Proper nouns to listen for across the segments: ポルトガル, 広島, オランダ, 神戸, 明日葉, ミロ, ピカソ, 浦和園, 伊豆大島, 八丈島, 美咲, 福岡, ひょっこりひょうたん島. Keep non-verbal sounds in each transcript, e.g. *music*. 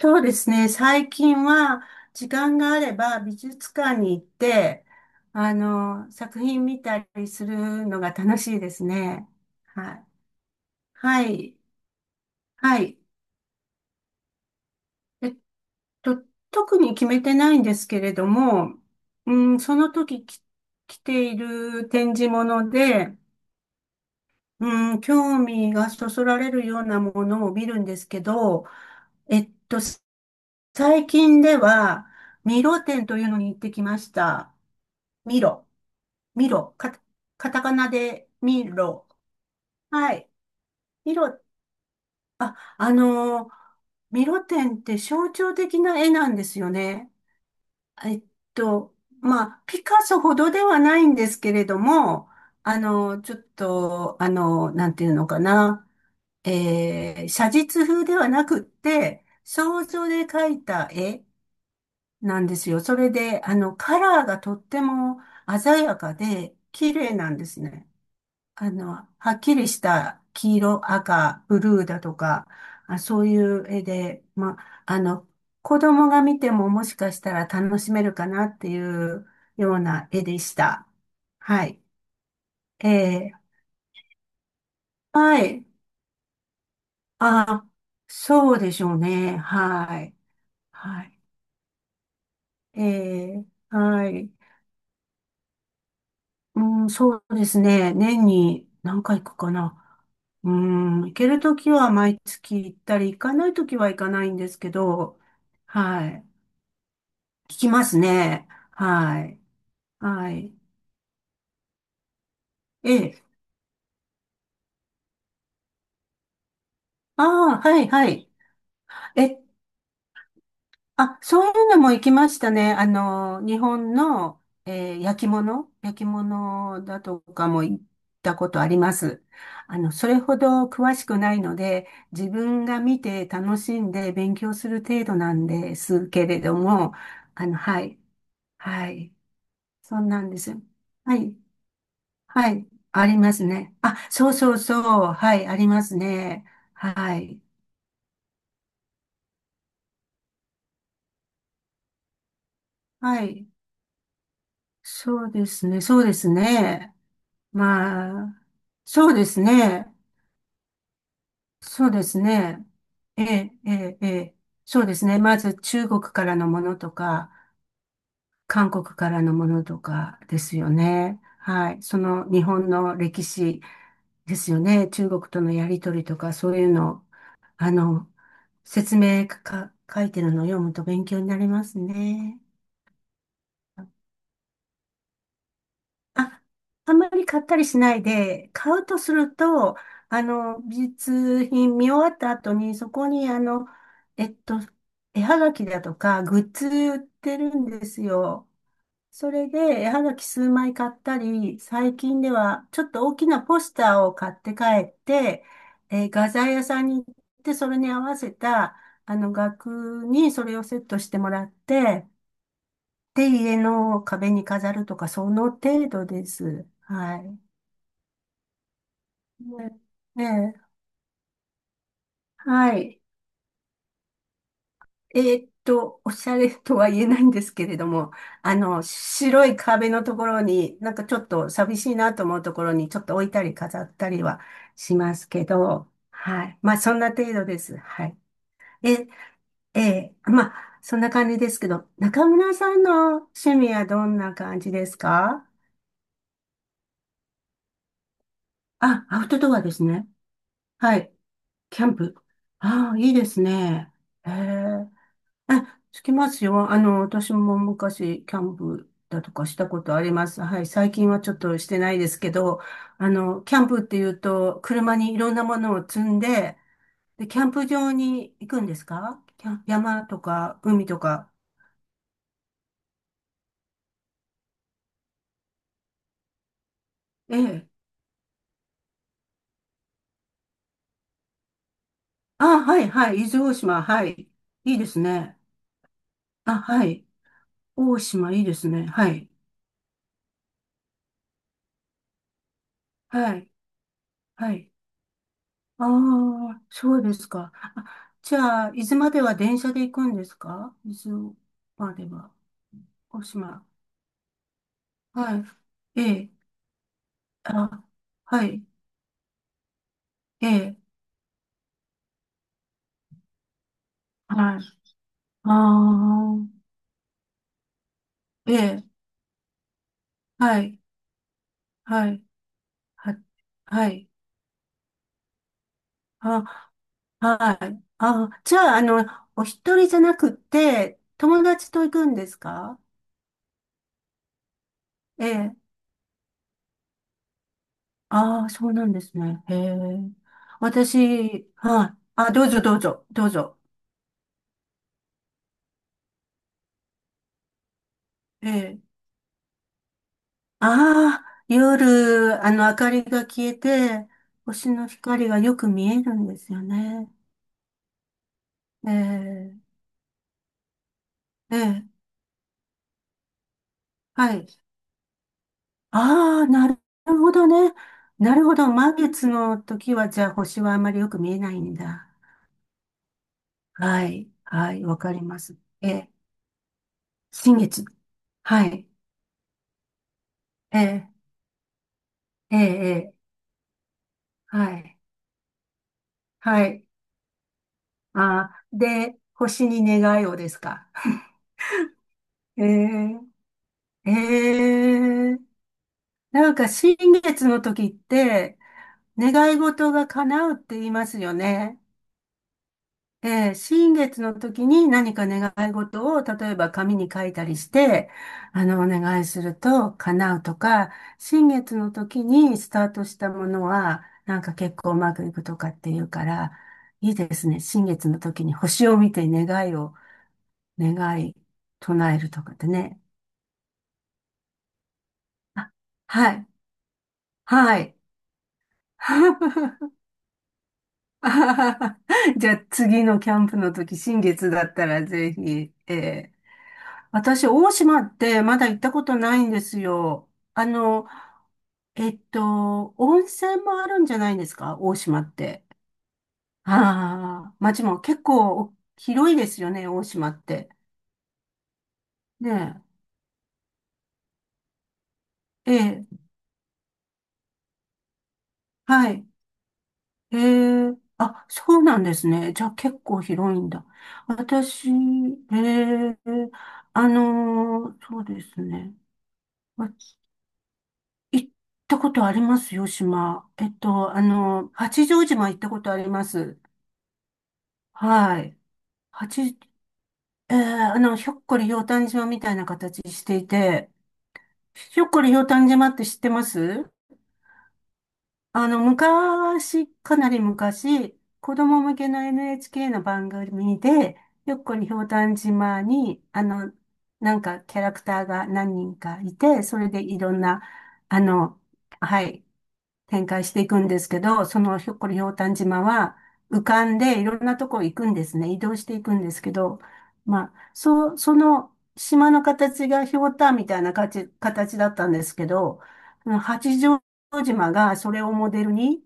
そうですね。最近は、時間があれば美術館に行って、作品見たりするのが楽しいですね。はい。はい。はい。えっと、特に決めてないんですけれども、うん、その時き来ている展示物で、うん、興味がそそられるようなものを見るんですけど、えっと、最近では、ミロ展というのに行ってきました。ミロ。ミロ、か、カタカナでミロ。はい。ミロ、あ、ミロ展って象徴的な絵なんですよね。えっと、まあ、ピカソほどではないんですけれども、ちょっと、なんていうのかな、写実風ではなくって、想像で描いた絵なんですよ。それで、あの、カラーがとっても鮮やかで、綺麗なんですね。あの、はっきりした黄色、赤、ブルーだとか、あ、そういう絵で、まあ、あの、子供が見てももしかしたら楽しめるかなっていうような絵でした。はい。えー、はい。あ、そうでしょうね。はい。はい。えー、はい。うん、そうですね。年に何回行くかな。うん、行けるときは毎月行ったり、行かないときは行かないんですけど、はい。聞きますね。はい。はい。ええ。ああ、はい、はい。えっあ、そういうのも行きましたね。あの、日本の、焼き物、焼き物だとかも行ったことあります。あの、それほど詳しくないので、自分が見て楽しんで勉強する程度なんですけれども、あの、はい、はい、そんなんですよ。はい、はい、ありますね。あ、そうそうそう、はい、ありますね。はい、はい、そうですね。まあ、そうですね。そうですね。ええ、ええ、ええそうですね。まず中国からのものとか、韓国からのものとかですよね。はい。その日本の歴史ですよね。中国とのやりとりとか、そういうの、あの、説明か、書いてるのを読むと勉強になりますね。あ、あんまり買ったりしないで、買うとすると、あの、美術品見終わった後に、そこに、あの、えっと、絵はがきだとか、グッズ売ってるんですよ。それで、絵はがき数枚買ったり、最近では、ちょっと大きなポスターを買って帰って、画材屋さんに行って、それに合わせた、あの、額にそれをセットしてもらって、で、家の壁に飾るとか、その程度です。はい。ねええ、はい。おしゃれとは言えないんですけれども、あの、白い壁のところに、なんかちょっと寂しいなと思うところに、ちょっと置いたり飾ったりはしますけど、はい。まあ、そんな程度です。はい。え、まあ、そんな感じですけど、中村さんの趣味はどんな感じですか？あ、アウトドアですね。はい。キャンプ。ああ、いいですね。へえ。え、つきますよ。あの、私も昔、キャンプだとかしたことあります。はい。最近はちょっとしてないですけど、あの、キャンプっていうと、車にいろんなものを積んで、で、キャンプ場に行くんですか？キャン山とか、海とか。ええ。あ、はい、はい。伊豆大島。はい。いいですね。あ、はい。大島、いいですね。はい。はい。はい。ああ、そうですか。あ、じゃあ、伊豆までは電車で行くんですか？伊豆までは。小島。はい。ええ。あ、はい。ええ。はい。ああ、ええ。はい。はい。は、はい。あ、はい。あ、じゃあ、あの、お一人じゃなくて、友達と行くんですか？ええ。ああ、そうなんですね。へえ。私、はい。あ、どうぞどうぞ、どうぞ。ええ。ああ、夜、あの、明かりが消えて、星の光がよく見えるんですよね。ええ、ええ、はい。ああ、なるほどね。なるほど。満月の時は、じゃあ星はあまりよく見えないんだ。はい、はい、わかります。ええ、新月。はい、ええ、ええ、ええはい、はい。ああ、で、星に願いをですか。*laughs* ええ、ええ、なんか新月の時って願い事が叶うって言いますよね。で、新月の時に何か願い事を例えば紙に書いたりして、あの、お願いすると叶うとか、新月の時にスタートしたものはなんか結構うまくいくとかっていうから、いいですね。新月の時に星を見て願いを、願い唱えるとかってね。あ、はい、はい。*laughs* *laughs* あははじゃあ次のキャンプの時、新月だったらぜひ、ええ私、大島ってまだ行ったことないんですよ。あの、温泉もあるんじゃないんですか？大島って。ああ、街も結構広いですよね、大島って。ねえ、ええ、はい。ええ、あ、そうなんですね。じゃあ結構広いんだ。私、ええ、あの、そうですね。行ったことありますよ、島。えっと、あの、八丈島行ったことあります。はい。八、えー、あの、ひょっこりひょうたん島みたいな形していて、ひょっこりひょうたん島って知ってます？あの、昔、かなり昔、子供向けの NHK の番組で、ひょっこりひょうたん島に、あの、なんかキャラクターが何人かいて、それでいろんな、あの、はい、展開していくんですけど、そのひょっこりひょうたん島は浮かんでいろんなとこ行くんですね。移動していくんですけど、まあ、そう、その島の形がひょうたんみたいな形だったんですけど、その八丈島がそれをモデルに、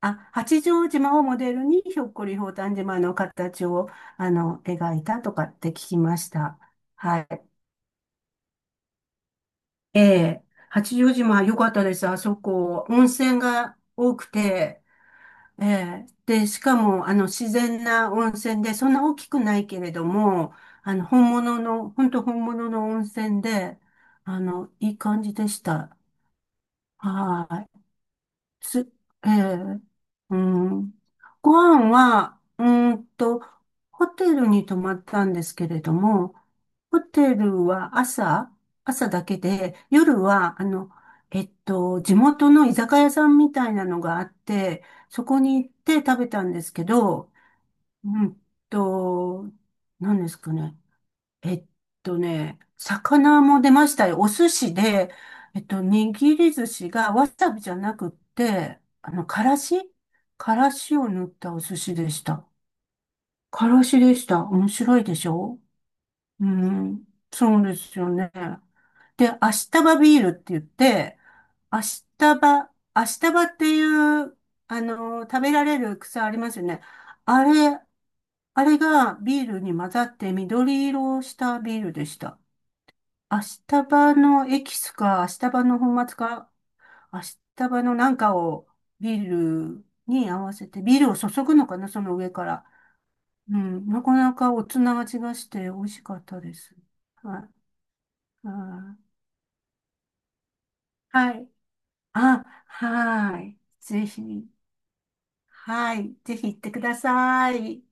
あ、八丈島をモデルにひょっこりひょうたん島の形を、あの、描いたとかって聞きました。はい。ええ、八丈島良かったです。あそこ、温泉が多くて、ええ。で、しかも、あの、自然な温泉で、そんな大きくないけれども、あの、本物の、本当本物の温泉で、あの、いい感じでした。はい。つ、ええうん。ご飯は、うーんと、ホテルに泊まったんですけれども、ホテルは朝、朝だけで、夜は、あの、地元の居酒屋さんみたいなのがあって、そこに行って食べたんですけど、うんと、何ですかね。えっとね、魚も出ましたよ。お寿司で、えっと、握り寿司がわさびじゃなくって、あの、からしを塗ったお寿司でした。からしでした。面白いでしょ？うん。そうですよね。で、明日バビールって言って、明日葉、明日葉っていう、あの、食べられる草ありますよね。あれ、あれがビールに混ざって緑色をしたビールでした。明日葉のエキスか、明日葉の粉末か、明日葉のなんかをビールに合わせて、ビールを注ぐのかな、その上から。うん、なかなかおつな味がして美味しかったです。はい。あはい。あ、はい。ぜひ、はい。ぜひ行ってください。